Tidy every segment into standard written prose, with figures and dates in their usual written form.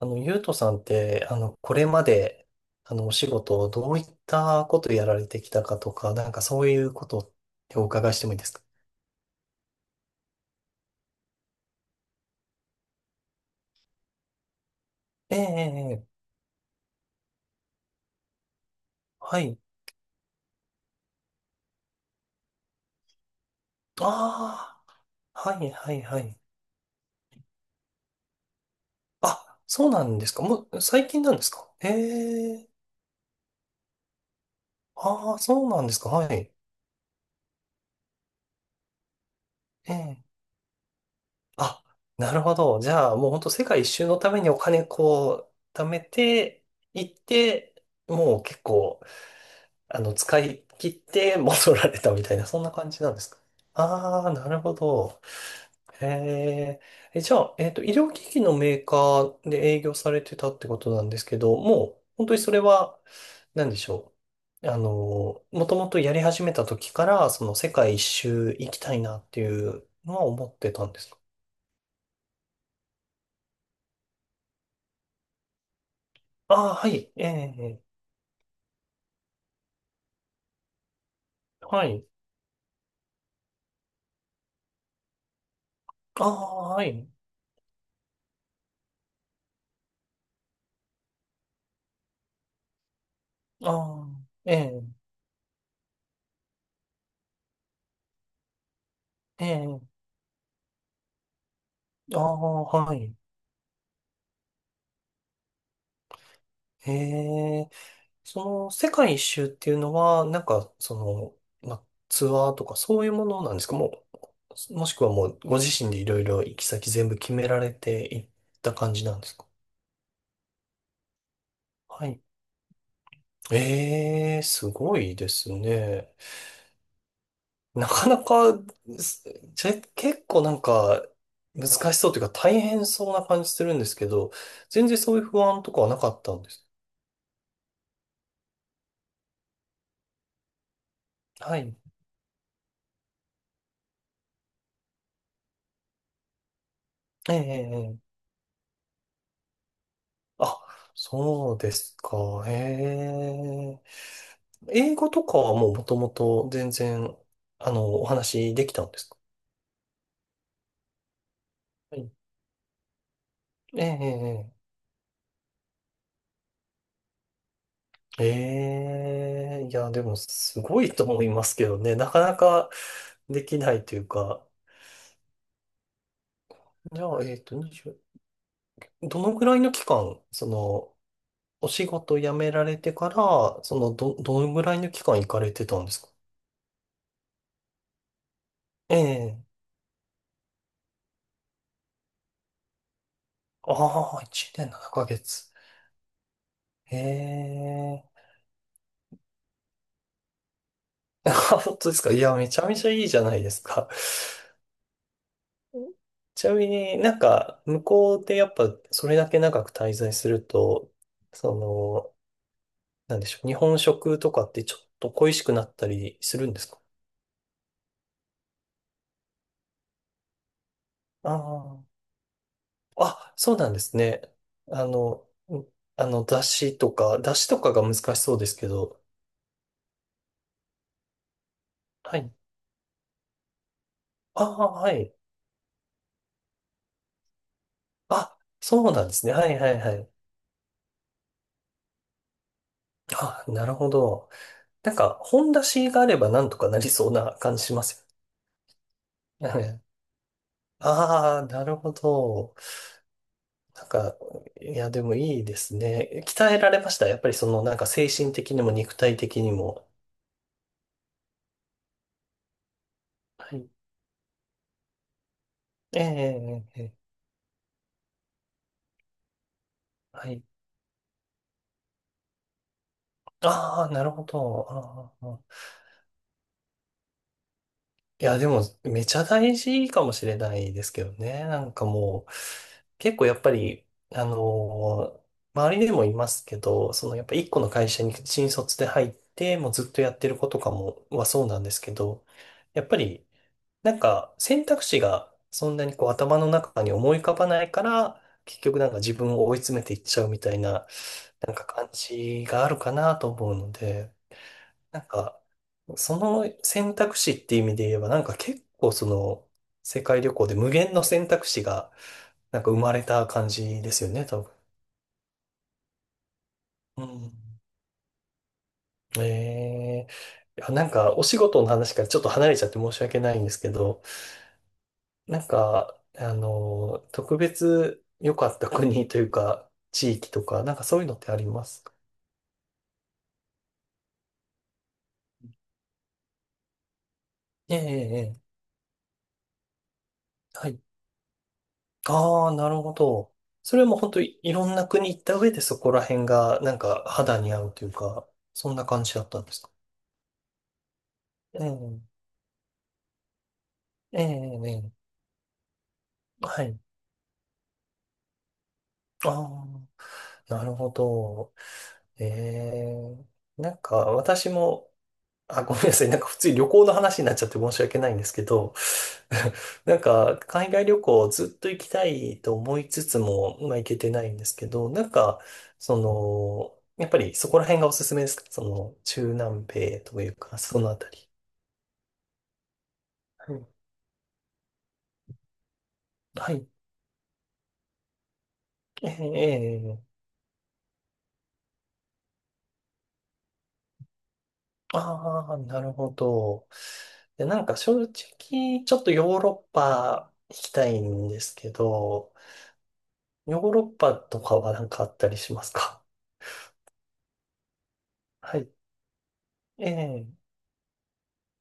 ゆうとさんって、これまで、お仕事をどういったことやられてきたかとか、なんかそういうことってお伺いしてもいいですか？ええ、ええええ、はい。ああ、はい、はい、はい。あ、そうなんですか？もう、最近なんですか？ええ、ああ、そうなんですか。はい。ええ。あ、なるほど。じゃあ、もう本当世界一周のためにお金こう、貯めて、行って、もう結構、使い切って戻られたみたいな、そんな感じなんですか？ああー、なるほど。へえ。え、じゃあ、医療機器のメーカーで営業されてたってことなんですけど、もう、本当にそれは、なんでしょう。もともとやり始めた時から、その世界一周行きたいなっていうのは思ってたんですか？ああー、はい。ええ、はい。ああ、はい。ああ、ええ、ええ、ああ、はい。へえ。その世界一周っていうのは、なんか、その、ま、ツアーとかそういうものなんですか？もう、もしくはもうご自身でいろいろ行き先全部決められていった感じなんですか？はい。ええ、すごいですね。なかなか、すちょ結構なんか難しそうというか大変そうな感じするんですけど、全然そういう不安とかはなかったんです。はい。ええ、ええええ、あ、そうですか。へえ。英語とかはもうもともと全然、お話できたんですか？はい。ええ、ええ、ええ、いや、でもすごいと思いますけどね。なかなかできないというか。じゃあ、20、どのぐらいの期間、その、お仕事辞められてから、その、どのぐらいの期間行かれてたんですか？ええ。ああ、1年7ヶ月。ええ。あ、本当ですか？いや、めちゃめちゃいいじゃないですか。ちなみになんか、向こうでやっぱそれだけ長く滞在すると、その、なんでしょう、日本食とかってちょっと恋しくなったりするんですか？ああ。あ、そうなんですね。あの、んだしとかが難しそうですけど。はい。ああ、はい。あ、そうなんですね。はいはいはい。あ、なるほど。なんか、本だしがあればなんとかなりそうな感じしますよね。ああ、なるほど。なんか、いや、でもいいですね。鍛えられました。やっぱりその、なんか精神的にも肉体的にも。はい。ええ、ええ、ええ、はい。ああ、なるほど。あーあー、いや、でも、めちゃ大事かもしれないですけどね。なんかもう、結構やっぱり、あのー周りでもいますけど、その、やっぱ一個の会社に新卒で入って、もうずっとやってる子とかも、はそうなんですけど、やっぱり、なんか選択肢がそんなにこう頭の中に思い浮かばないから、結局なんか自分を追い詰めていっちゃうみたいな、なんか感じがあるかなと思うので、なんか、その選択肢っていう意味で言えば、なんか結構その、世界旅行で無限の選択肢が、なんか生まれた感じですよね、多分。うん。ええ、いや、なんかお仕事の話からちょっと離れちゃって申し訳ないんですけど、なんか、特別良かった国というか、地域とか、なんかそういうのってありますか？ええ、ええ、ええ、はい。ああ、なるほど。それも本当いろんな国行った上でそこら辺が、なんか肌に合うというか、そんな感じだったんですか？ええ、ええ、ええ、はい。ああ、なるほど。ええ、なんか私も、あ、ごめんなさい。なんか普通に旅行の話になっちゃって申し訳ないんですけど、なんか海外旅行ずっと行きたいと思いつつも、まあ行けてないんですけど、なんか、その、やっぱりそこら辺がおすすめですか？その、中南米というか、そのあたり。はい。ええええ、ああー、なるほど。で、なんか正直、ちょっとヨーロッパ行きたいんですけど、ヨーロッパとかはなんかあったりしますか？はい。ええ、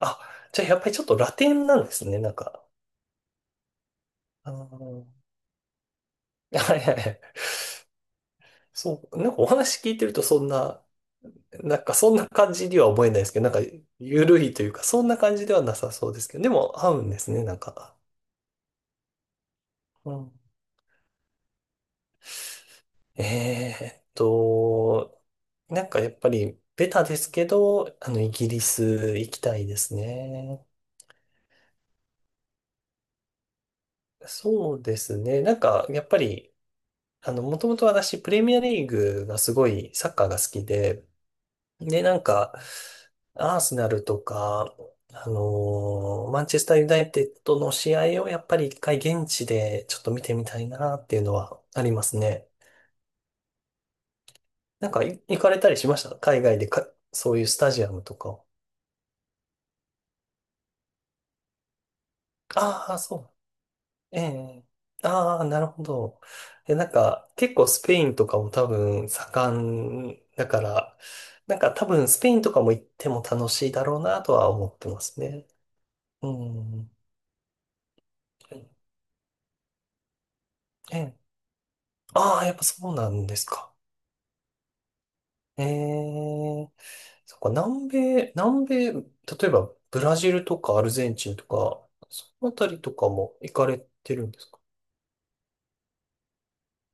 あ、じゃあやっぱりちょっとラテンなんですね、なんか。あー はいはいはい。そう、なんかお話聞いてるとそんな、なんかそんな感じには思えないですけど、なんか緩いというか、そんな感じではなさそうですけど、でも合うんですね、なんか。うん、えーっと、なんかやっぱりベタですけど、イギリス行きたいですね。そうですね、なんかやっぱり、もともと私、プレミアリーグがすごいサッカーが好きで、で、なんか、アーセナルとか、マンチェスターユナイテッドの試合をやっぱり一回現地でちょっと見てみたいなっていうのはありますね。なんか行かれたりしました海外でか、そういうスタジアムとかを。ああ、そう。ええ、ああ、なるほど。え、なんか、結構スペインとかも多分盛んだから、なんか多分スペインとかも行っても楽しいだろうなとは思ってますね。うん。ええ、ああ、やっぱそうなんですか？ええ、そっか、南米、南米、例えばブラジルとかアルゼンチンとか、そのあたりとかも行かれてるんですか？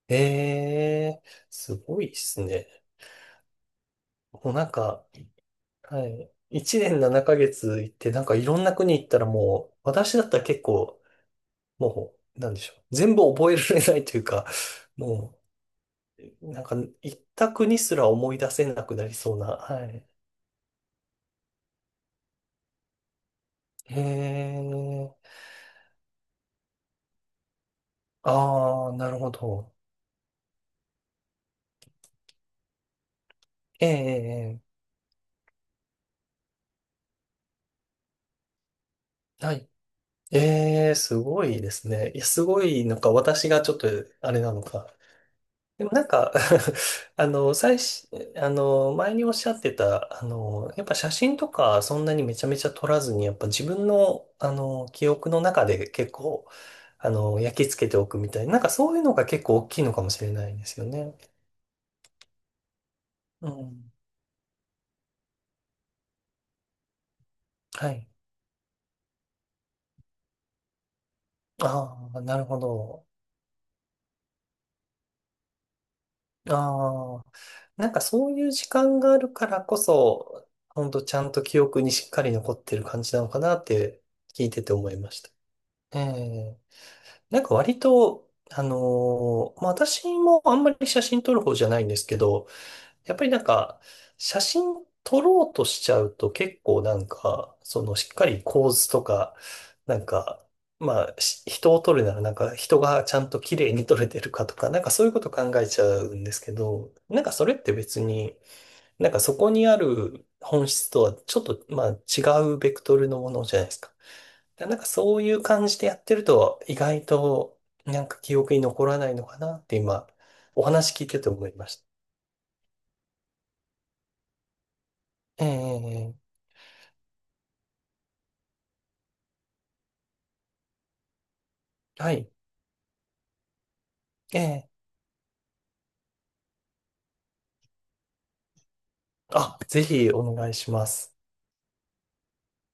ええ、すごいですね。もうなんか、はい。一年7ヶ月行って、なんかいろんな国行ったらもう、私だったら結構、もう、なんでしょう。全部覚えられないというか、もう、なんか行った国すら思い出せなくなりそうな、はい。へえ。ああ、なるほど。ええ、ええ、ええ、はい。ええ、すごいですね。いや、すごい、なんか私がちょっと、あれなのか。でもなんか 最初、前におっしゃってた、やっぱ写真とかそんなにめちゃめちゃ撮らずに、やっぱ自分の、記憶の中で結構、焼き付けておくみたいな、なんかそういうのが結構大きいのかもしれないですよね。うん。はい。ああ、なるほど。ああ。なんかそういう時間があるからこそ、ほんとちゃんと記憶にしっかり残ってる感じなのかなって聞いてて思いました。ええ、なんか割と、まあ、私もあんまり写真撮る方じゃないんですけど、やっぱりなんか写真撮ろうとしちゃうと結構なんか、そのしっかり構図とか、なんか、まあ、人を撮るならなんか人がちゃんと綺麗に撮れてるかとか、なんかそういうこと考えちゃうんですけど、なんかそれって別に、なんかそこにある本質とはちょっと、まあ、違うベクトルのものじゃないですか。だからなんかそういう感じでやってると意外となんか記憶に残らないのかなって今お話聞いてて思いました。ええ、ええ、はい。ええ、あ、ぜひお願いします。